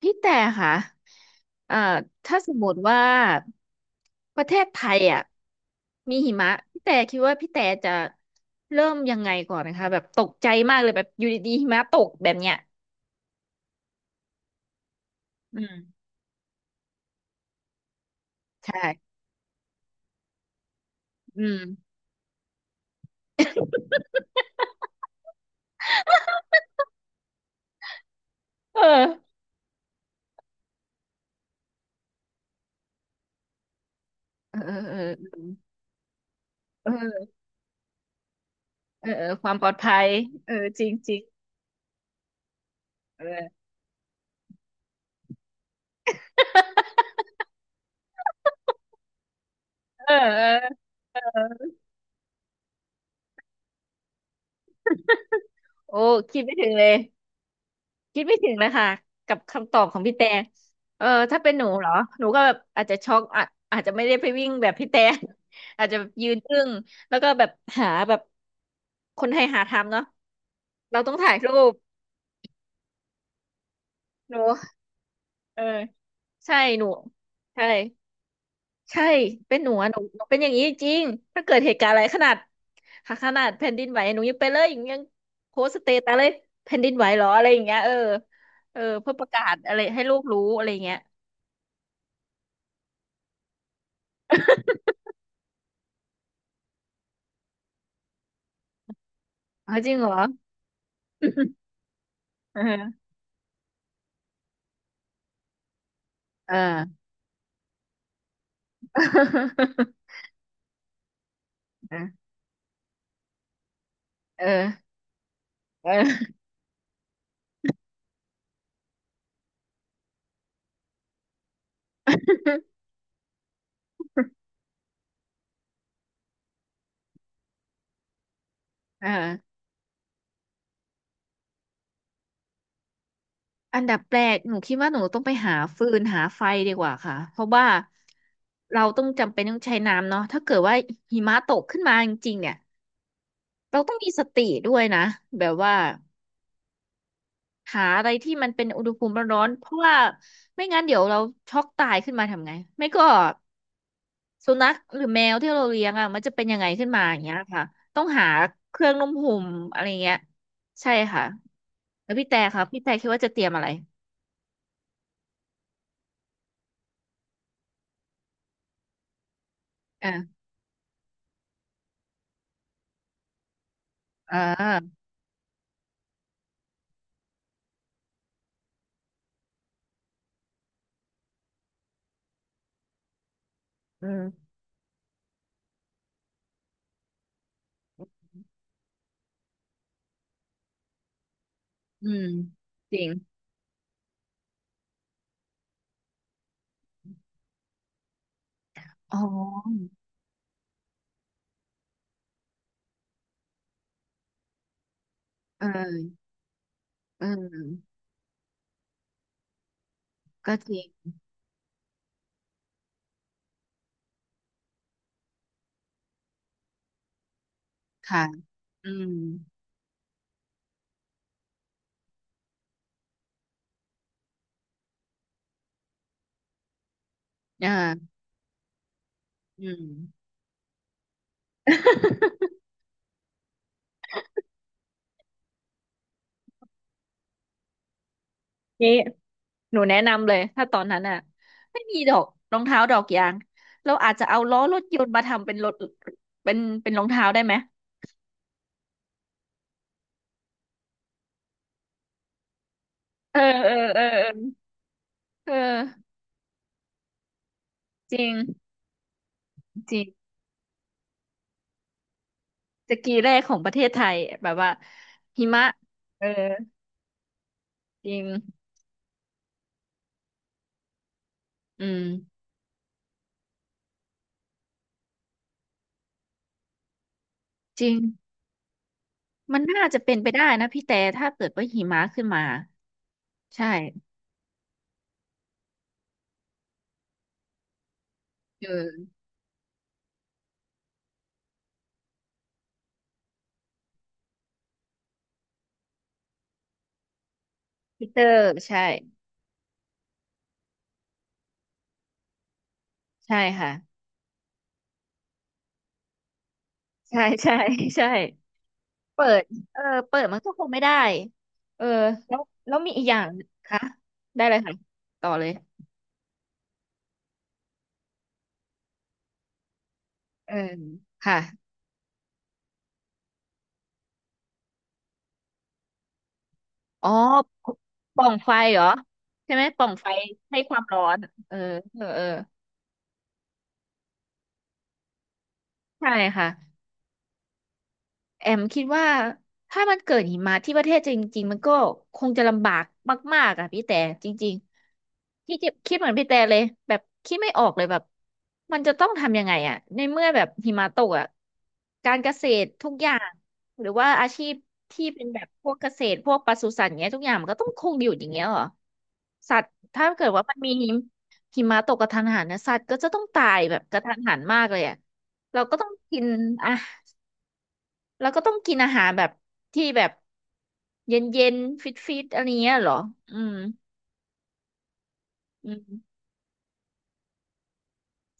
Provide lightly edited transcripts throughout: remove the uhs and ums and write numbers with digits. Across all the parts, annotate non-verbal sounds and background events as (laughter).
พี่แต่ค่ะเอ่อถ้าสมมติว่าประเทศไทยอ่ะมีหิมะพี่แต่คิดว่าพี่แต่จะเริ่มยังไงก่อนนะคะแบบตกใจมากเลยแบบอยู่ดีๆหิมะตกแบบเนี้ยอืมใช่อืมเออเออเออเออเออเออเออความปลอดภัยเออจริงจริงเออเออเออเออโอ้คิดไม่ถึงเลย คิดไม่ถึงเลยค่ะกับคำตอบของพี่แต่เออถ้าเป็นหนูเหรอหนูก็แบบอาจจะช็อกอ่ะอาจจะไม่ได้ไปวิ่งแบบพี่แต่ (laughs) อาจจะแบบยืนอึ้งแล้วก็แบบหาแบบคนให้หาทำเนาะเราต้องถ่ายรูปหนูเออใช่หนูใช่ใช่เป็นหนูอะหนูเป็นอย่างนี้จริงถ้าเกิดเหตุการณ์อะไรขนาดค่ะขนาดแผ่นดินไหวหนูยังไปเลยยังโพสต์สเตตัสเลยแผ่นดินไหวเหรออะไรอย่างเงี้ยเออเออเพื่อประกาศอะไรให้โลกรู้อะไรอย่างเงี้ย อ๋อจริงเหรอ (laughs) เออเออ (laughs) เออเออเออ (laughs) เอออันดับแรกหนูคิดว่าหนูต้องไปหาฟืนหาไฟดีกว่าค่ะเพราะว่าเราต้องจำเป็นต้องใช้น้ำเนาะถ้าเกิดว่าหิมะตกขึ้นมาจริงๆเนี่ยเราต้องมีสติด้วยนะแบบว่าหาอะไรที่มันเป็นอุณหภูมิร้อนๆเพราะว่าไม่งั้นเดี๋ยวเราช็อกตายขึ้นมาทำไงไม่ก็ สุนัขหรือแมวที่เราเลี้ยงอ่ะมันจะเป็นยังไงขึ้นมาอย่างเงี้ยค่ะต้องหาเครื่องนุ่มห่มอะไรเงี้ยใช่ค่ะแล้วพี่แต่ครับพี่แต่คิดว่าจะเตรียมอะไรอ่าอ่าอืมอืมจริงอ๋อเออเออก็จริงค่ะอืมอ่าอืม (laughs) นี่หนูแนะนำเลยถ้าตอนนั้นอ่ะไม่มีดอกรองเท้าดอกยางเราอาจจะเอาล้อรถยนต์มาทำเป็นรถเป็นรองเท้าได้ไหม เออเออเออเออเออจริงจริงสกีแรกของประเทศไทยแบบว่าหิมะเออจริงอืมจริงมันน่าจะเป็นไปได้นะพี่แต่ถ้าเกิดว่าหิมะขึ้นมาใช่เออพีเตอร์ใช่ใช่ค่ะใช่ใช่ใช่เปิดเออเปิดมันก็คงไม่ได้เออแล้วแล้วมีอีกอย่างค่ะได้เลยค่ะต่อเลยเออค่ะ อ๋อปล่องไฟเหรอใช่ไหมปล่องไฟให้ความร้อนเออเออเออใช่ค่ะ แอมคิดว่าถ้ามันเกิดหิมะที่ประเทศจริงๆมันก็คงจะลำบากมากๆอ่ะพี่แต่จริงๆคิดเหมือนพี่แต่เลยแบบคิดไม่ออกเลยแบบมันจะต้องทำยังไงอ่ะในเมื่อแบบหิมะตกอ่ะการเกษตรทุกอย่างหรือว่าอาชีพที่เป็นแบบพวกเกษตรพวกปศุสัตว์เงี้ยทุกอย่างมันก็ต้องคงอยู่อย่างเงี้ยเหรอสัตว์ถ้าเกิดว่ามันมีหิมะตกกระทันหันนะสัตว์ก็จะต้องตายแบบกระทันหันมากเลยอ่ะเราก็ต้องกินอ่ะ แล้วก็ต้องกินอาหารแบบที่แบบเย็นเย็นฟิตฟิตๆอะไรเงี้ยเหรอ อืมอืม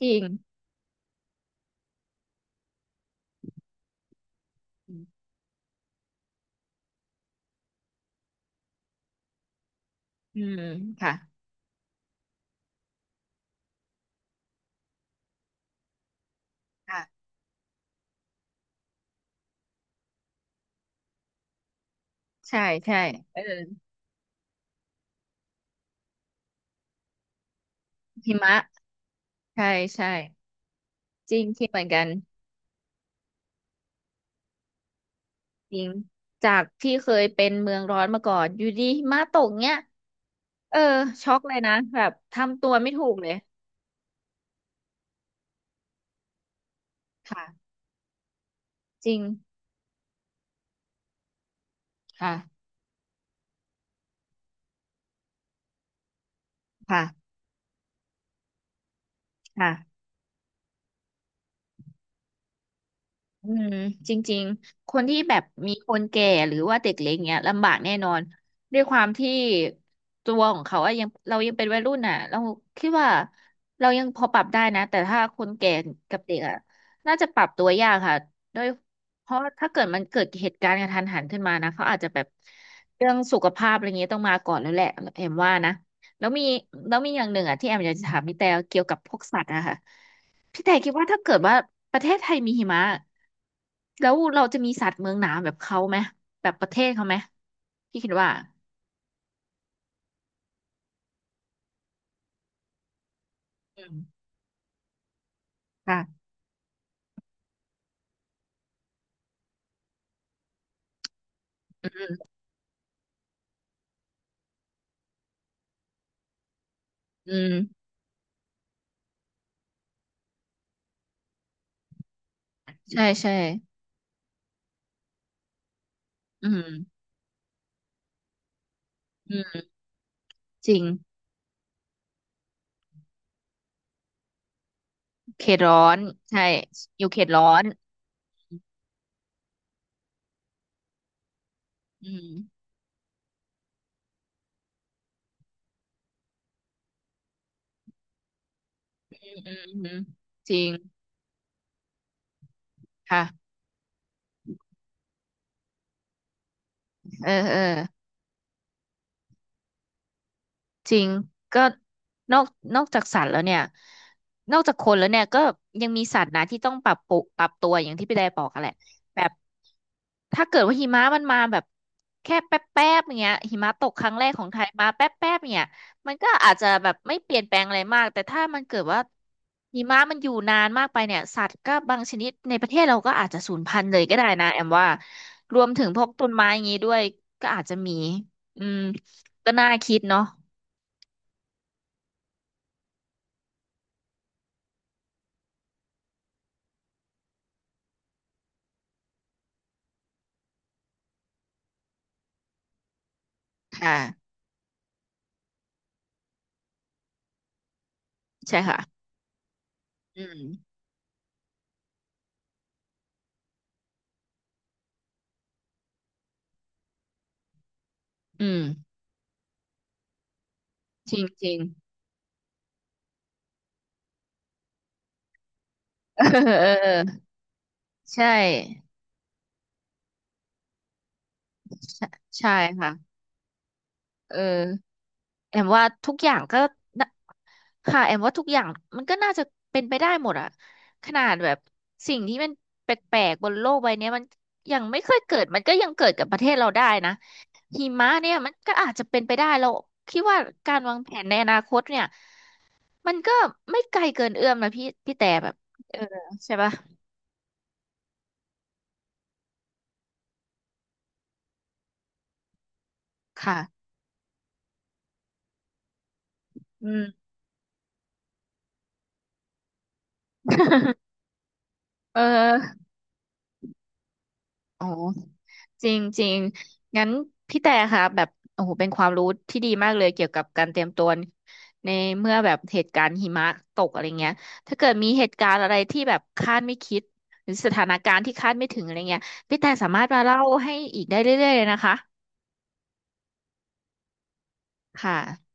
จริงอืมอืมค่ะ ค่ะ ใช่ใช่เออหิมะ ใช่ใช่จริงคิดเหมือนกัน จริง จากที่เคยเป็นเมืองร้อนมาก่อน อยู่ดีหิมะตกเนี้ย เออ ช็อกเลยนะ แบบทำตัวไม่ถูกเลย ค่ะ จริง ค่ะ ค่ะค่ะ อืมจริงๆคนที่แบบมีคนแก่หรือว่าเด็กเล็กเนี้ยลำบากแน่นอนด้วยความที่ตัวของเขาอะยังเรายังเป็นวัยรุ่นอ่ะเราคิดว่าเรายังพอปรับได้นะแต่ถ้าคนแก่กับเด็กอ่ะน่าจะปรับตัวยากค่ะด้วยเพราะถ้าเกิดมันเกิดเหตุการณ์กระทันหันขึ้นมานะเขาอาจจะแบบเรื่องสุขภาพอะไรเงี้ยต้องมาก่อนแล้วแหละแอมว่านะแล้วมีแล้วมีอย่างหนึ่งอ่ะที่แอมอยากจะถามพี่แต่เกี่ยวกับพวกสัตว์อะค่ะ พี่แต่คิดว่าถ้าเกิดว่าประเทศไทยมีหิมะแล้วเราจะมีสัตว์เมืองหนามแบบเขาไหมแบบประเทศเขาไหมพี่คิดว่าอืมค่ะอืมใช่ใช่อืมอืมจริงเขตร้อนใช่อยู่เขตร้อนอืมอืมอืมจริงค่ะเออเออ จริงก็นอกนอกจากสัตว์แล้วเนี่ยนอกจากคนแล้วเนี่ยก็ยังมีสัตว์นะที่ต้องปรับตัวอย่างที่พี่ไดบอกกันแหละแบบถ้าเกิดว่าหิมะมันมาแบบแค่แป๊บแป๊บอย่างเงี้ยหิมะตกครั้งแรกของไทยมาแป๊บแป๊บเนี่ยมันก็อาจจะแบบไม่เปลี่ยนแปลงอะไรมากแต่ถ้ามันเกิดว่าหิมะมันอยู่นานมากไปเนี่ยสัตว์ก็บางชนิดในประเทศเราก็อาจจะสูญพันธุ์เลยก็ได้นะแอมว่ารวมถึงพวกต้นไม้อย่างงี้ด้วยก็อาจจะมีอืมก็น่าคิดเนาะ ค่ะใช่ค่ะอืมอืมจริงจริงเออเออใช่ใช่ใช่ค่ะเออแอมว่าทุกอย่างก็น่ะค่ะแอมว่าทุกอย่างมันก็น่าจะเป็นไปได้หมดอะขนาดแบบสิ่งที่มันแปลกๆบนโลกใบเนี้ยมันยังไม่เคยเกิดมันก็ยังเกิดกับประเทศเราได้นะหิมะเนี่ยมันก็อาจจะเป็นไปได้เราคิดว่าการวางแผนในอนาคตเนี่ยมันก็ไม่ไกลเกินเอื้อมนะพี่แต่แบบเออใช่ปะค่ะอืม เอออ๋อจริงจริงงั้นพี่แต่ค่ะแบบโอ้โหเป็นความรู้ที่ดีมากเลยเกี่ยวกับการเตรียมตัวในเมื่อแบบเหตุการณ์หิมะตกอะไรเงี้ยถ้าเกิดมีเหตุการณ์อะไรที่แบบคาดไม่คิดหรือสถานการณ์ที่คาดไม่ถึงอะไรเงี้ยพี่แต่สามารถมาเล่าให้อีกได้เรื่อยๆเลยนะคะค่ะ